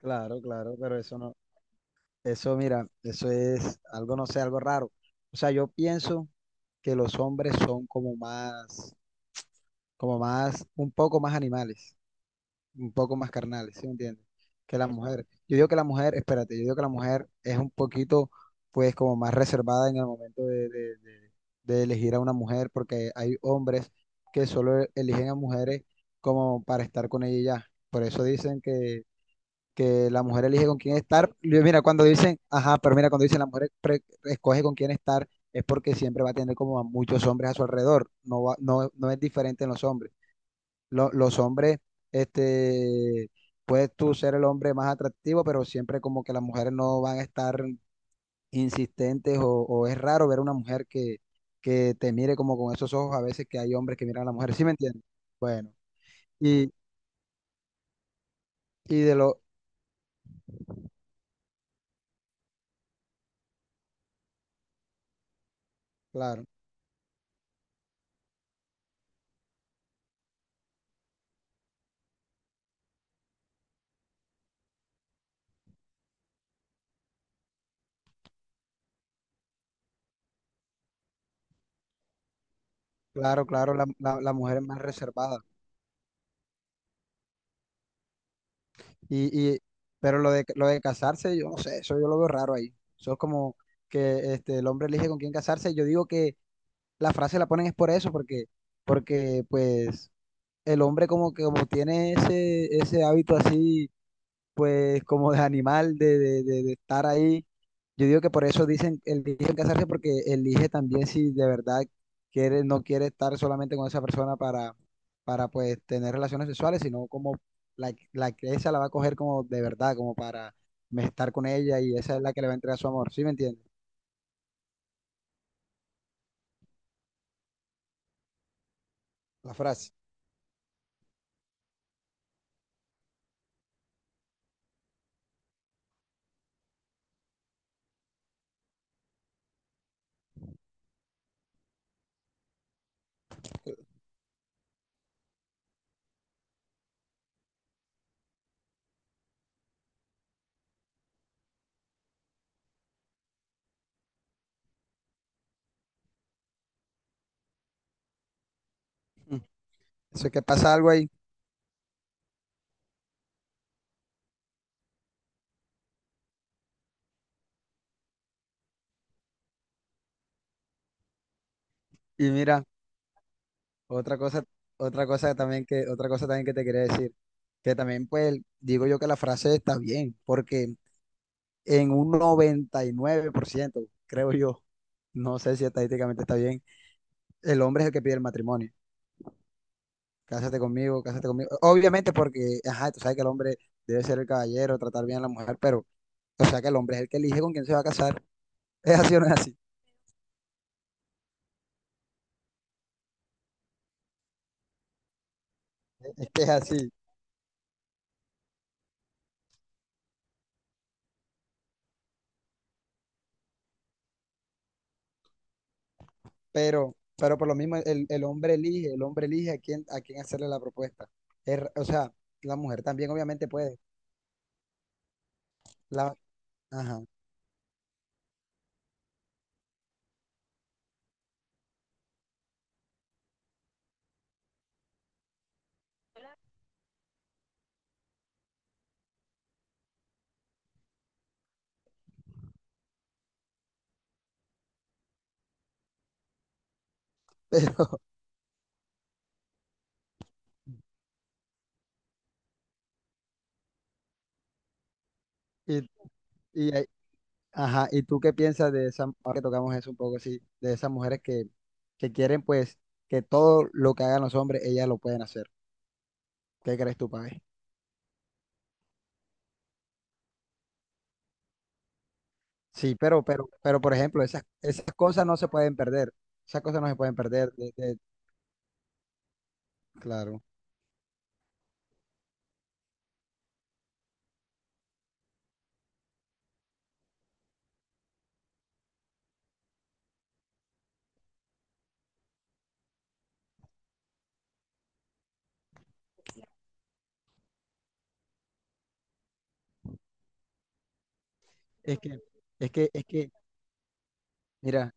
Claro, claro, pero eso no, eso mira, eso es algo, no sé, algo raro. O sea, yo pienso que los hombres son como más, un poco más animales, un poco más carnales, ¿sí me entiendes? Que la mujer. Yo digo que la mujer, espérate, yo digo que la mujer es un poquito, pues, como más reservada en el momento de elegir a una mujer, porque hay hombres que solo eligen a mujeres como para estar con ella y ya. Por eso dicen que la mujer elige con quién estar. Yo, mira, cuando dicen, ajá, pero mira, cuando dicen escoge con quién estar, es porque siempre va a tener como a muchos hombres a su alrededor. No, no es diferente en los hombres. Los hombres, este, puedes tú ser el hombre más atractivo, pero siempre como que las mujeres no van a estar insistentes o es raro ver una mujer que te mire como con esos ojos a veces que hay hombres que miran a la mujer. ¿Sí me entiendes? Bueno, y, y de lo, claro, claro, claro, la mujer es más reservada. Y, y, pero lo de casarse, yo no sé, eso yo lo veo raro ahí. Eso es como que este, el hombre elige con quién casarse. Yo digo que la frase la ponen es por eso, porque, porque pues el hombre como que como tiene ese, ese hábito así pues como de animal, de estar ahí. Yo digo que por eso dicen, eligen casarse porque elige también si de verdad quiere, no quiere estar solamente con esa persona para pues tener relaciones sexuales, sino como la que esa la va a coger como de verdad, como para estar con ella y esa es la que le va a entregar su amor, ¿sí me entiendes? La frase. Mm. Eso es que pasa algo ahí. Y mira, otra cosa, otra cosa también que, otra cosa también que te quería decir, que también pues digo yo que la frase está bien, porque en un 99% creo yo. No sé si estadísticamente está bien. El hombre es el que pide el matrimonio. Cásate conmigo, cásate conmigo. Obviamente porque, ajá, tú sabes que el hombre debe ser el caballero, tratar bien a la mujer, pero, o sea que el hombre es el que elige con quién se va a casar. Es así o no es así. Es que es así. Pero por lo mismo, el hombre elige a quién hacerle la propuesta. O sea, la mujer también obviamente puede. La, ajá. Pero, y, y, ajá, ¿y tú qué piensas de esa, ahora que tocamos eso un poco así, de esas mujeres que quieren pues que todo lo que hagan los hombres, ellas lo pueden hacer? ¿Qué crees tú, Pae? Sí, pero por ejemplo, esas, esas cosas no se pueden perder, esas cosas no se pueden perder, claro. Es que, es que, mira,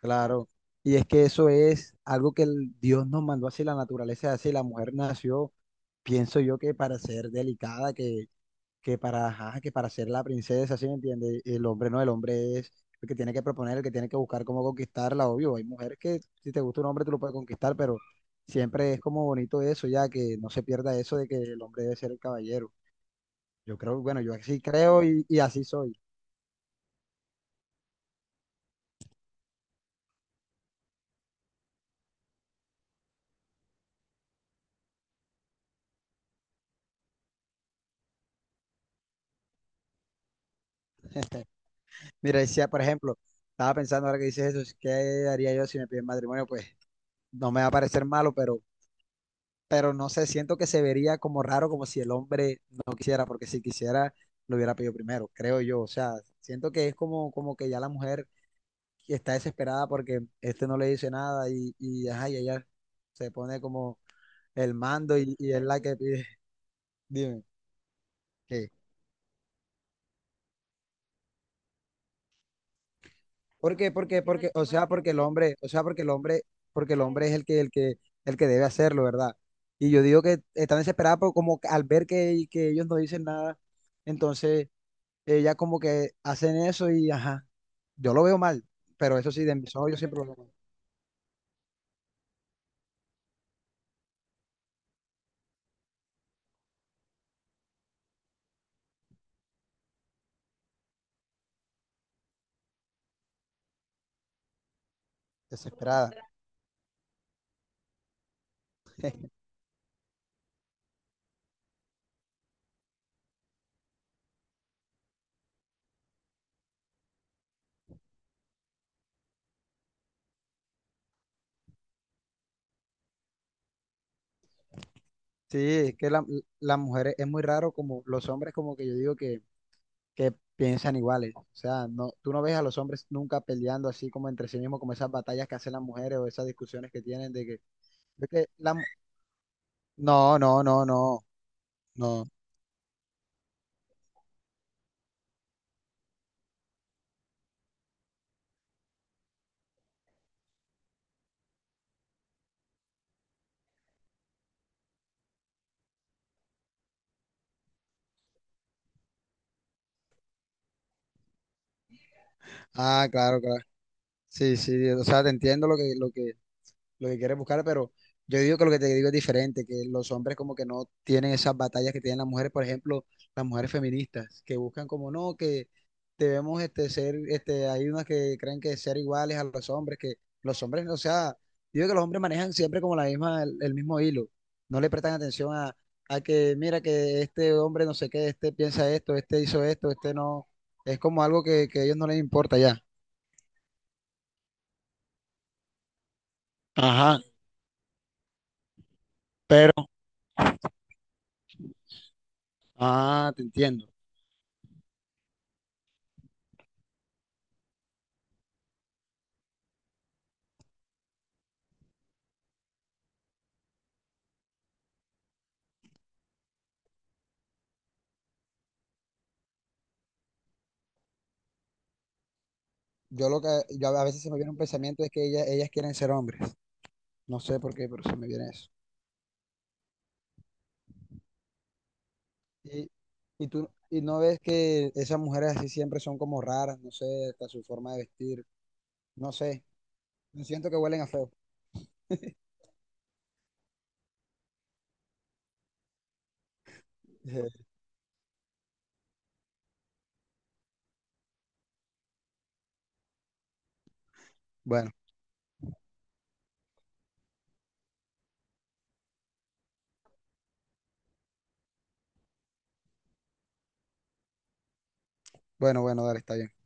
claro, y es que eso es algo que el Dios nos mandó así, la naturaleza es así, la mujer nació, pienso yo que para ser delicada, que para, ajá, que para ser la princesa, ¿sí me entiendes? El hombre no, el hombre es el que tiene que proponer, el que tiene que buscar cómo conquistarla, obvio. Hay mujeres que si te gusta un hombre tú lo puedes conquistar, pero siempre es como bonito eso, ya que no se pierda eso de que el hombre debe ser el caballero. Yo creo, bueno, yo así creo y así soy. Mira, decía, por ejemplo, estaba pensando ahora que dices eso, ¿qué haría yo si me piden matrimonio? Pues no me va a parecer malo, pero no sé, siento que se vería como raro, como si el hombre no quisiera, porque si quisiera, lo hubiera pedido primero, creo yo. O sea, siento que es como, como que ya la mujer está desesperada porque este no le dice nada ajá, y ella se pone como el mando y es la que pide. Dime, ¿qué? ¿Por qué? Porque, porque, o sea, porque el hombre, o sea, porque el hombre es el que, el que, el que debe hacerlo, ¿verdad? Y yo digo que están desesperados por como que al ver que ellos no dicen nada, entonces ella como que hacen eso y ajá, yo lo veo mal, pero eso sí, de mis ojos yo siempre lo veo mal, desesperada. Sí, es que la, las mujeres es muy raro como los hombres como que yo digo que piensan iguales, o sea, no, tú no ves a los hombres nunca peleando así como entre sí mismos, como esas batallas que hacen las mujeres o esas discusiones que tienen de que, de que la mu- no, no, no, no, no. Ah, claro, claro. Sí, sí, o sea, te entiendo lo que, lo que, lo que quieres buscar, pero yo digo que lo que te digo es diferente, que los hombres como que no tienen esas batallas que tienen las mujeres, por ejemplo, las mujeres feministas, que buscan como no, que debemos este, ser, este, hay unas que creen que ser iguales a los hombres, que los hombres, o sea, digo que los hombres manejan siempre como la misma, el mismo hilo, no le prestan atención a que, mira, que este hombre no sé qué, este piensa esto, este hizo esto, este no, es como algo que a ellos no les importa ya. Ajá, pero ah, te entiendo. Yo lo que, yo a veces se me viene un pensamiento es que ellas quieren ser hombres. No sé por qué, pero se me viene eso. Y, y tú, y no ves que esas mujeres así siempre son como raras, no sé, hasta su forma de vestir, no sé. Yo siento que huelen a feo. Bueno, bueno, dale, está bien.